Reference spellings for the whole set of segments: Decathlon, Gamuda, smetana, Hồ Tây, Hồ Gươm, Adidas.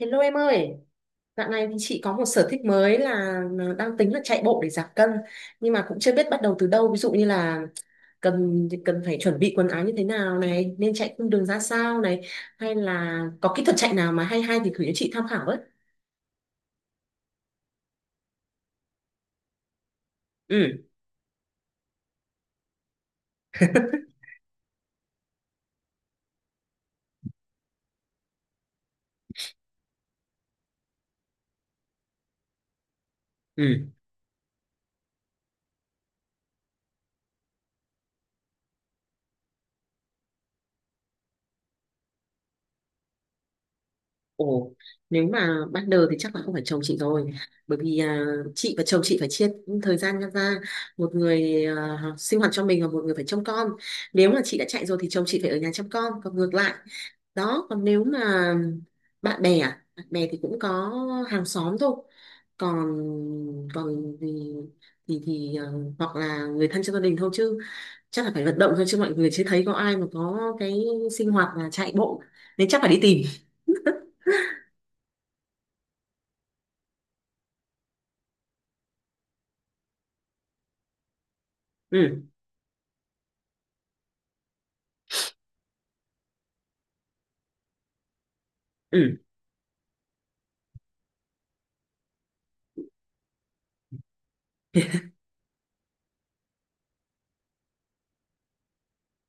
Hello em ơi, dạo này thì chị có một sở thích mới là đang tính là chạy bộ để giảm cân, nhưng mà cũng chưa biết bắt đầu từ đâu. Ví dụ như là cần cần phải chuẩn bị quần áo như thế nào này, nên chạy cung đường ra sao này, hay là có kỹ thuật chạy nào mà hay hay thì gửi cho chị tham khảo với. Ừ. Ừ. Ồ, nếu mà ban đầu thì chắc là không phải chồng chị rồi, bởi vì chị và chồng chị phải chia thời gian ra, một người sinh hoạt cho mình và một người phải trông con. Nếu mà chị đã chạy rồi thì chồng chị phải ở nhà trông con, còn ngược lại đó. Còn nếu mà bạn bè thì cũng có hàng xóm thôi. Còn còn thì thì thì ờ, hoặc là người thân trong gia đình thôi, chứ chắc là phải vận động thôi, chứ mọi người chưa thấy có ai mà có cái sinh hoạt là chạy bộ, nên chắc phải đi tìm. Ừ. Ừ.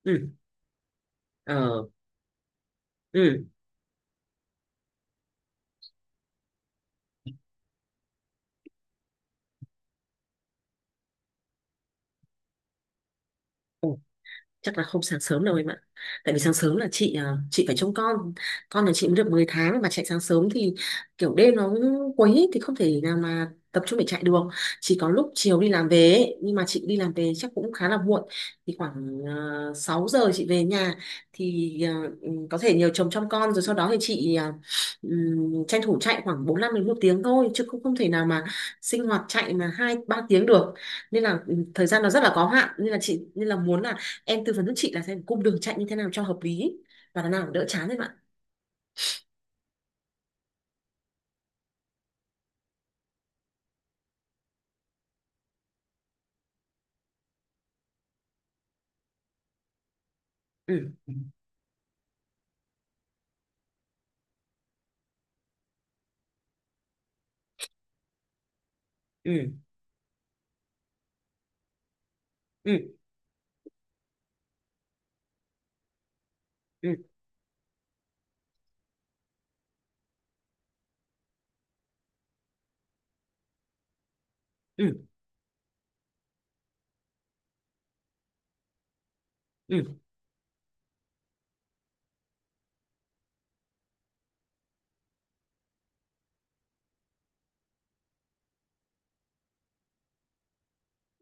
Ừ. Ờ. Ừ. Ừ. Chắc là không sáng sớm đâu em ạ, tại vì sáng sớm là chị phải trông con. Con nhà chị mới được 10 tháng mà chạy sáng sớm thì kiểu đêm nó cũng quấy ấy, thì không thể nào mà tập trung để chạy được. Chỉ có lúc chiều đi làm về ấy. Nhưng mà chị đi làm về chắc cũng khá là muộn, thì khoảng 6 giờ chị về nhà, thì có thể nhờ chồng trông con, rồi sau đó thì chị tranh thủ chạy khoảng 45 đến một tiếng thôi, chứ cũng không thể nào mà sinh hoạt chạy mà hai ba tiếng được. Nên là thời gian nó rất là có hạn, nên là chị nên là muốn là em tư vấn giúp chị là xem cung đường chạy như thế nào cho hợp lý và là nào đỡ chán em ạ. Ừ. Ừ. Ừ. Ừ. Ừ. Ừ.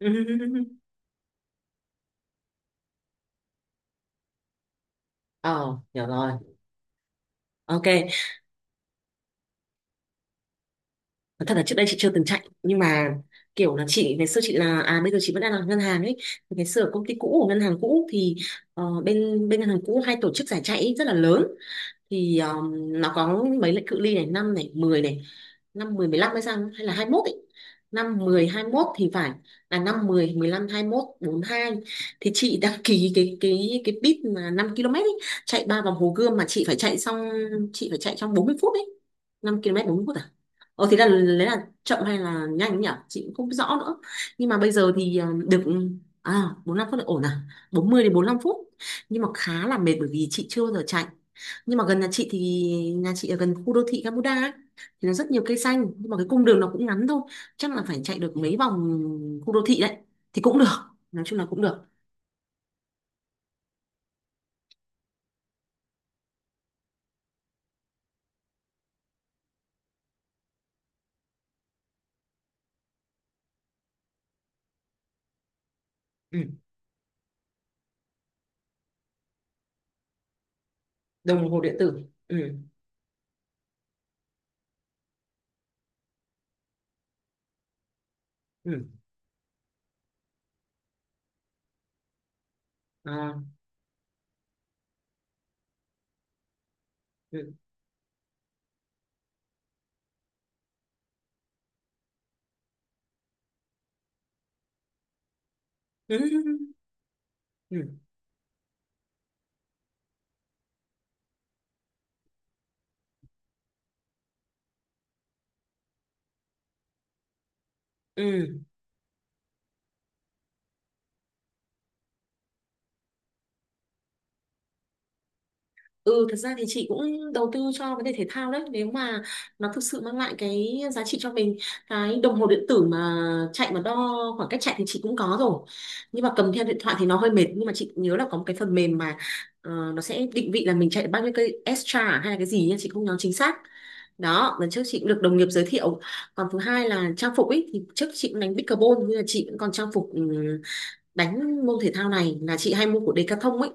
Ừ. Ờ, hiểu rồi. Ok. Thật là trước đây chị chưa từng chạy, nhưng mà kiểu là chị ngày xưa, chị là à bây giờ chị vẫn đang làm ngân hàng ấy. Ngày xưa ở công ty cũ, của ngân hàng cũ thì bên bên ngân hàng cũ hay tổ chức giải chạy rất là lớn. Thì nó có mấy lệnh cự ly này: năm này, 10 này, năm mười mười lăm hay sao, hay là 21 ấy. Năm mười hai mốt thì phải, là năm mười mười lăm hai mốt bốn hai. Thì chị đăng ký cái bit mà 5 km ấy, chạy ba vòng Hồ Gươm mà chị phải chạy xong, chị phải chạy trong 40 phút ấy. 5 km mươi phút à. Ờ thì là lấy là chậm hay là nhanh ấy nhỉ, chị cũng không rõ nữa. Nhưng mà bây giờ thì được à. 45 phút là ổn à, 40 đến 45 phút, nhưng mà khá là mệt bởi vì chị chưa bao giờ chạy. Nhưng mà gần nhà chị thì nhà chị ở gần khu đô thị Gamuda ấy, thì nó rất nhiều cây xanh, nhưng mà cái cung đường nó cũng ngắn thôi, chắc là phải chạy được mấy vòng khu đô thị đấy thì cũng được. Nói chung là cũng được. Ừ. Đồng hồ điện tử. Ừ. Ừ. À. Ừ. Ừ. Ừ. Ừ. Ừ, thật ra thì chị cũng đầu tư cho vấn đề thể thao đấy, nếu mà nó thực sự mang lại cái giá trị cho mình. Cái đồng hồ điện tử mà chạy mà đo khoảng cách chạy thì chị cũng có rồi, nhưng mà cầm theo điện thoại thì nó hơi mệt. Nhưng mà chị nhớ là có một cái phần mềm mà nó sẽ định vị là mình chạy được bao nhiêu cây extra hay là cái gì nha, chị không nhớ chính xác. Đó, lần trước chị cũng được đồng nghiệp giới thiệu. Còn thứ hai là trang phục ấy, thì trước chị cũng đánh pickleball nhưng mà chị cũng còn trang phục. Ừ, Đánh môn thể thao này là chị hay mua của Decathlon ấy,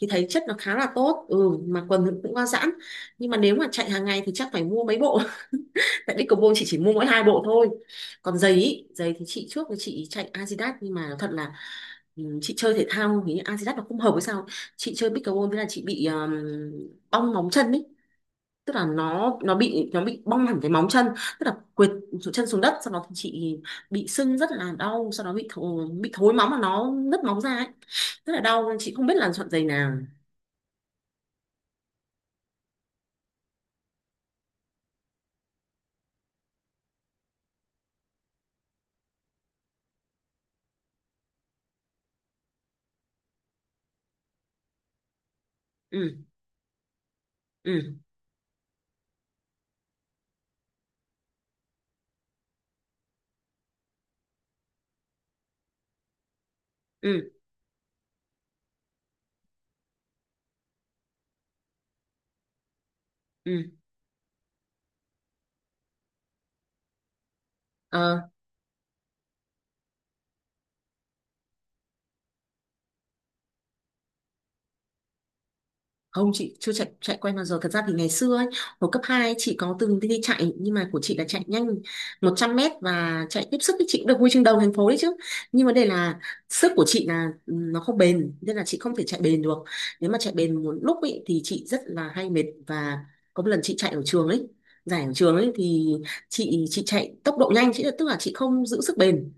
thì thấy chất nó khá là tốt. Ừ mà quần thì cũng qua giãn, nhưng mà nếu mà chạy hàng ngày thì chắc phải mua mấy bộ. Tại Decathlon chị chỉ mua mỗi hai bộ thôi. Còn giày ý, giày thì chị, trước thì chị chạy Adidas, nhưng mà nói thật là, chị chơi thể thao thì Adidas nó không hợp với sao. Chị chơi pickleball với là chị bị bong móng chân ấy, tức là nó bị bong hẳn cái móng chân. Tức là quệt chân xuống đất, sau đó thì chị bị sưng rất là đau, sau đó bị thối móng mà nó nứt móng ra ấy, rất là đau. Chị không biết là chọn giày nào. Ừ. Ừ. Ừ. Ừ. Ờ. Không, chị chưa chạy chạy quay bao giờ. Thật ra thì ngày xưa ấy, hồi cấp 2 ấy, chị có từng đi chạy. Nhưng mà của chị là chạy nhanh 100 mét. Và chạy tiếp sức thì chị cũng được huy chương đầu thành phố đấy chứ. Nhưng vấn đề là sức của chị là nó không bền. Nên là chị không thể chạy bền được. Nếu mà chạy bền một lúc ấy, thì chị rất là hay mệt. Và có một lần chị chạy ở trường ấy, giải ở trường ấy, thì chị chạy tốc độ nhanh, chị tức là chị không giữ sức bền.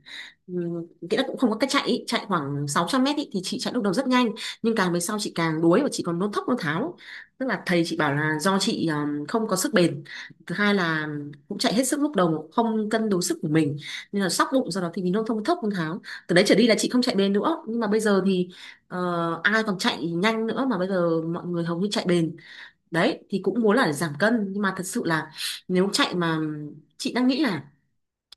Ừ, nghĩa là cũng không có cách chạy ý. Chạy khoảng 600 mét ý, thì chị chạy lúc đầu rất nhanh, nhưng càng về sau chị càng đuối, và chị còn nôn thốc nôn tháo. Tức là thầy chị bảo là do chị không có sức bền. Thứ hai là cũng chạy hết sức lúc đầu, không cân đối sức của mình, nên là sóc bụng, do đó thì mình nôn thốc nôn tháo. Từ đấy trở đi là chị không chạy bền nữa. Nhưng mà bây giờ thì ai còn chạy nhanh nữa, mà bây giờ mọi người hầu như chạy bền. Đấy thì cũng muốn là để giảm cân, nhưng mà thật sự là nếu chạy mà, chị đang nghĩ là,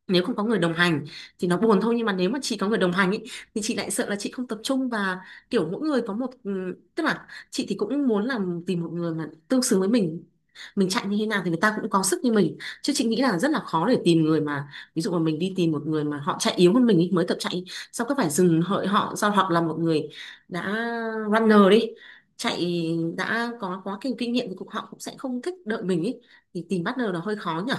nếu không có người đồng hành thì nó buồn thôi. Nhưng mà nếu mà chị có người đồng hành ý, thì chị lại sợ là chị không tập trung. Và kiểu mỗi người có một tức là chị thì cũng muốn là tìm một người mà tương xứng với mình chạy như thế nào thì người ta cũng có sức như mình. Chứ chị nghĩ là rất là khó để tìm người mà, ví dụ mà mình đi tìm một người mà họ chạy yếu hơn mình ý, mới tập chạy, xong cứ phải dừng hợi họ do, hoặc là một người đã runner đi chạy đã có quá kinh kinh nghiệm thì cũng họ cũng sẽ không thích đợi mình ý, thì tìm partner là hơi khó nhở.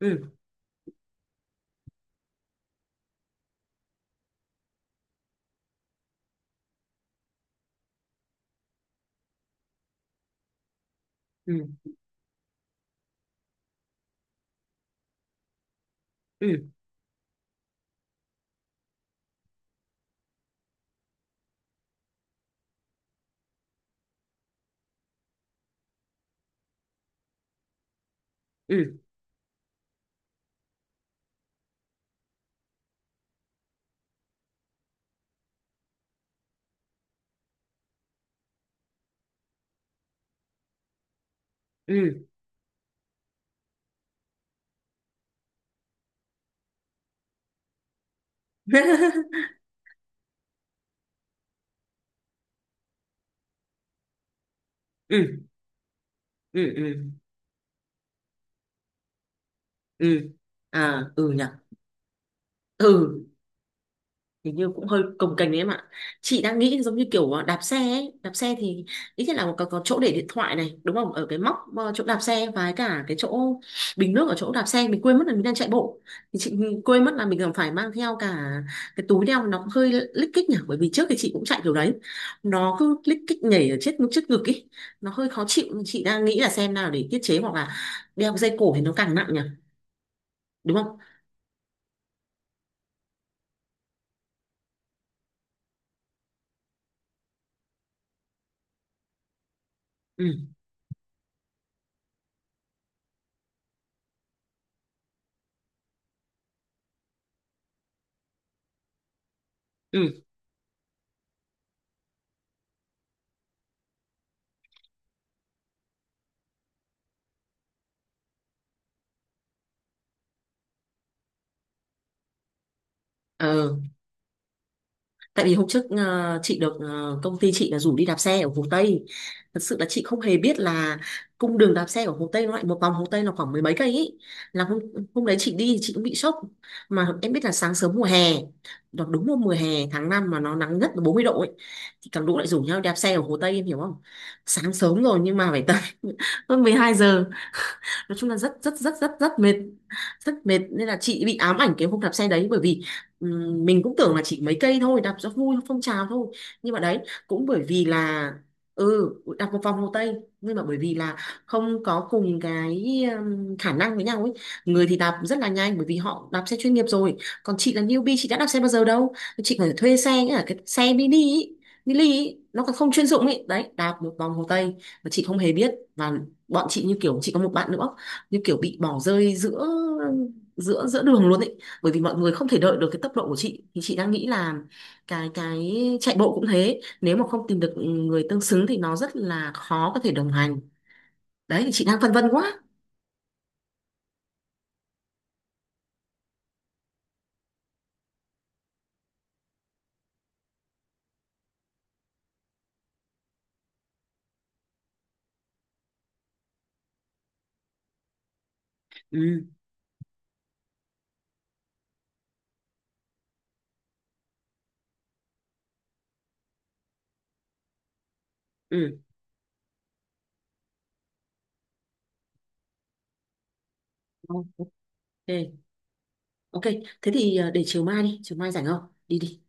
Ừ. Ừ. Ừ. Ừ. Ừ. Ừ. Ừ. Ừ. Ừ. À, ừ nhỉ. Ừ, hình như cũng hơi cồng kềnh đấy em ạ. Chị đang nghĩ giống như kiểu đạp xe ấy, đạp xe thì ít nhất là có chỗ để điện thoại này, đúng không, ở cái móc chỗ đạp xe, và cả cái chỗ bình nước ở chỗ đạp xe, mình quên mất là mình đang chạy bộ, thì chị quên mất là mình còn phải mang theo cả cái túi đeo, nó cũng hơi lích kích nhỉ, bởi vì trước thì chị cũng chạy kiểu đấy, nó cứ lích kích nhảy ở chết trước ngực ấy, nó hơi khó chịu. Nhưng chị đang nghĩ là xem nào để tiết chế, hoặc là đeo cái dây cổ thì nó càng nặng nhỉ, đúng không. Ừ. Ừ. Ờ, tại vì hôm trước chị được công ty chị là rủ đi đạp xe ở Hồ Tây. Thật sự là chị không hề biết là cung đường đạp xe ở Hồ Tây nó lại một vòng Hồ Tây là khoảng mười mấy cây ý. Là hôm hôm đấy chị đi thì chị cũng bị sốc, mà em biết là sáng sớm mùa hè đó, đúng hôm mùa hè tháng 5 mà nó nắng nhất là 40 độ ấy, thì cả lũ lại rủ nhau đạp xe ở Hồ Tây, em hiểu không. Sáng sớm rồi, nhưng mà phải tới hơn 12 giờ. Nói chung là rất rất rất rất rất mệt. Rất mệt, nên là chị bị ám ảnh cái hôm đạp xe đấy, bởi vì mình cũng tưởng là chỉ mấy cây thôi, đạp cho vui phong trào thôi. Nhưng mà đấy, cũng bởi vì là ừ đạp một vòng Hồ Tây. Nhưng mà bởi vì là không có cùng cái khả năng với nhau ấy, người thì đạp rất là nhanh bởi vì họ đạp xe chuyên nghiệp rồi, còn chị là newbie, chị đã đạp xe bao giờ đâu. Chị phải thuê xe nhá, cái xe mini ý, nó còn không chuyên dụng ấy. Đấy, đạp một vòng Hồ Tây mà chị không hề biết, và bọn chị như kiểu, chị có một bạn nữa, như kiểu bị bỏ rơi giữa giữa giữa đường luôn ấy, bởi vì mọi người không thể đợi được cái tốc độ của chị. Thì chị đang nghĩ là cái chạy bộ cũng thế, nếu mà không tìm được người tương xứng thì nó rất là khó có thể đồng hành. Đấy thì chị đang phân vân quá. Ừ. Ừ. Ok. Ok, thế thì để chiều mai đi, chiều mai rảnh không, đi đi.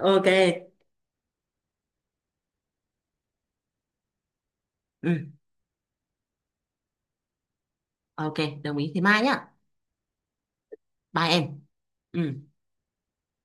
Ok. Ừ. Ok, đồng ý, thế mai nhá. Bye em. Ừ.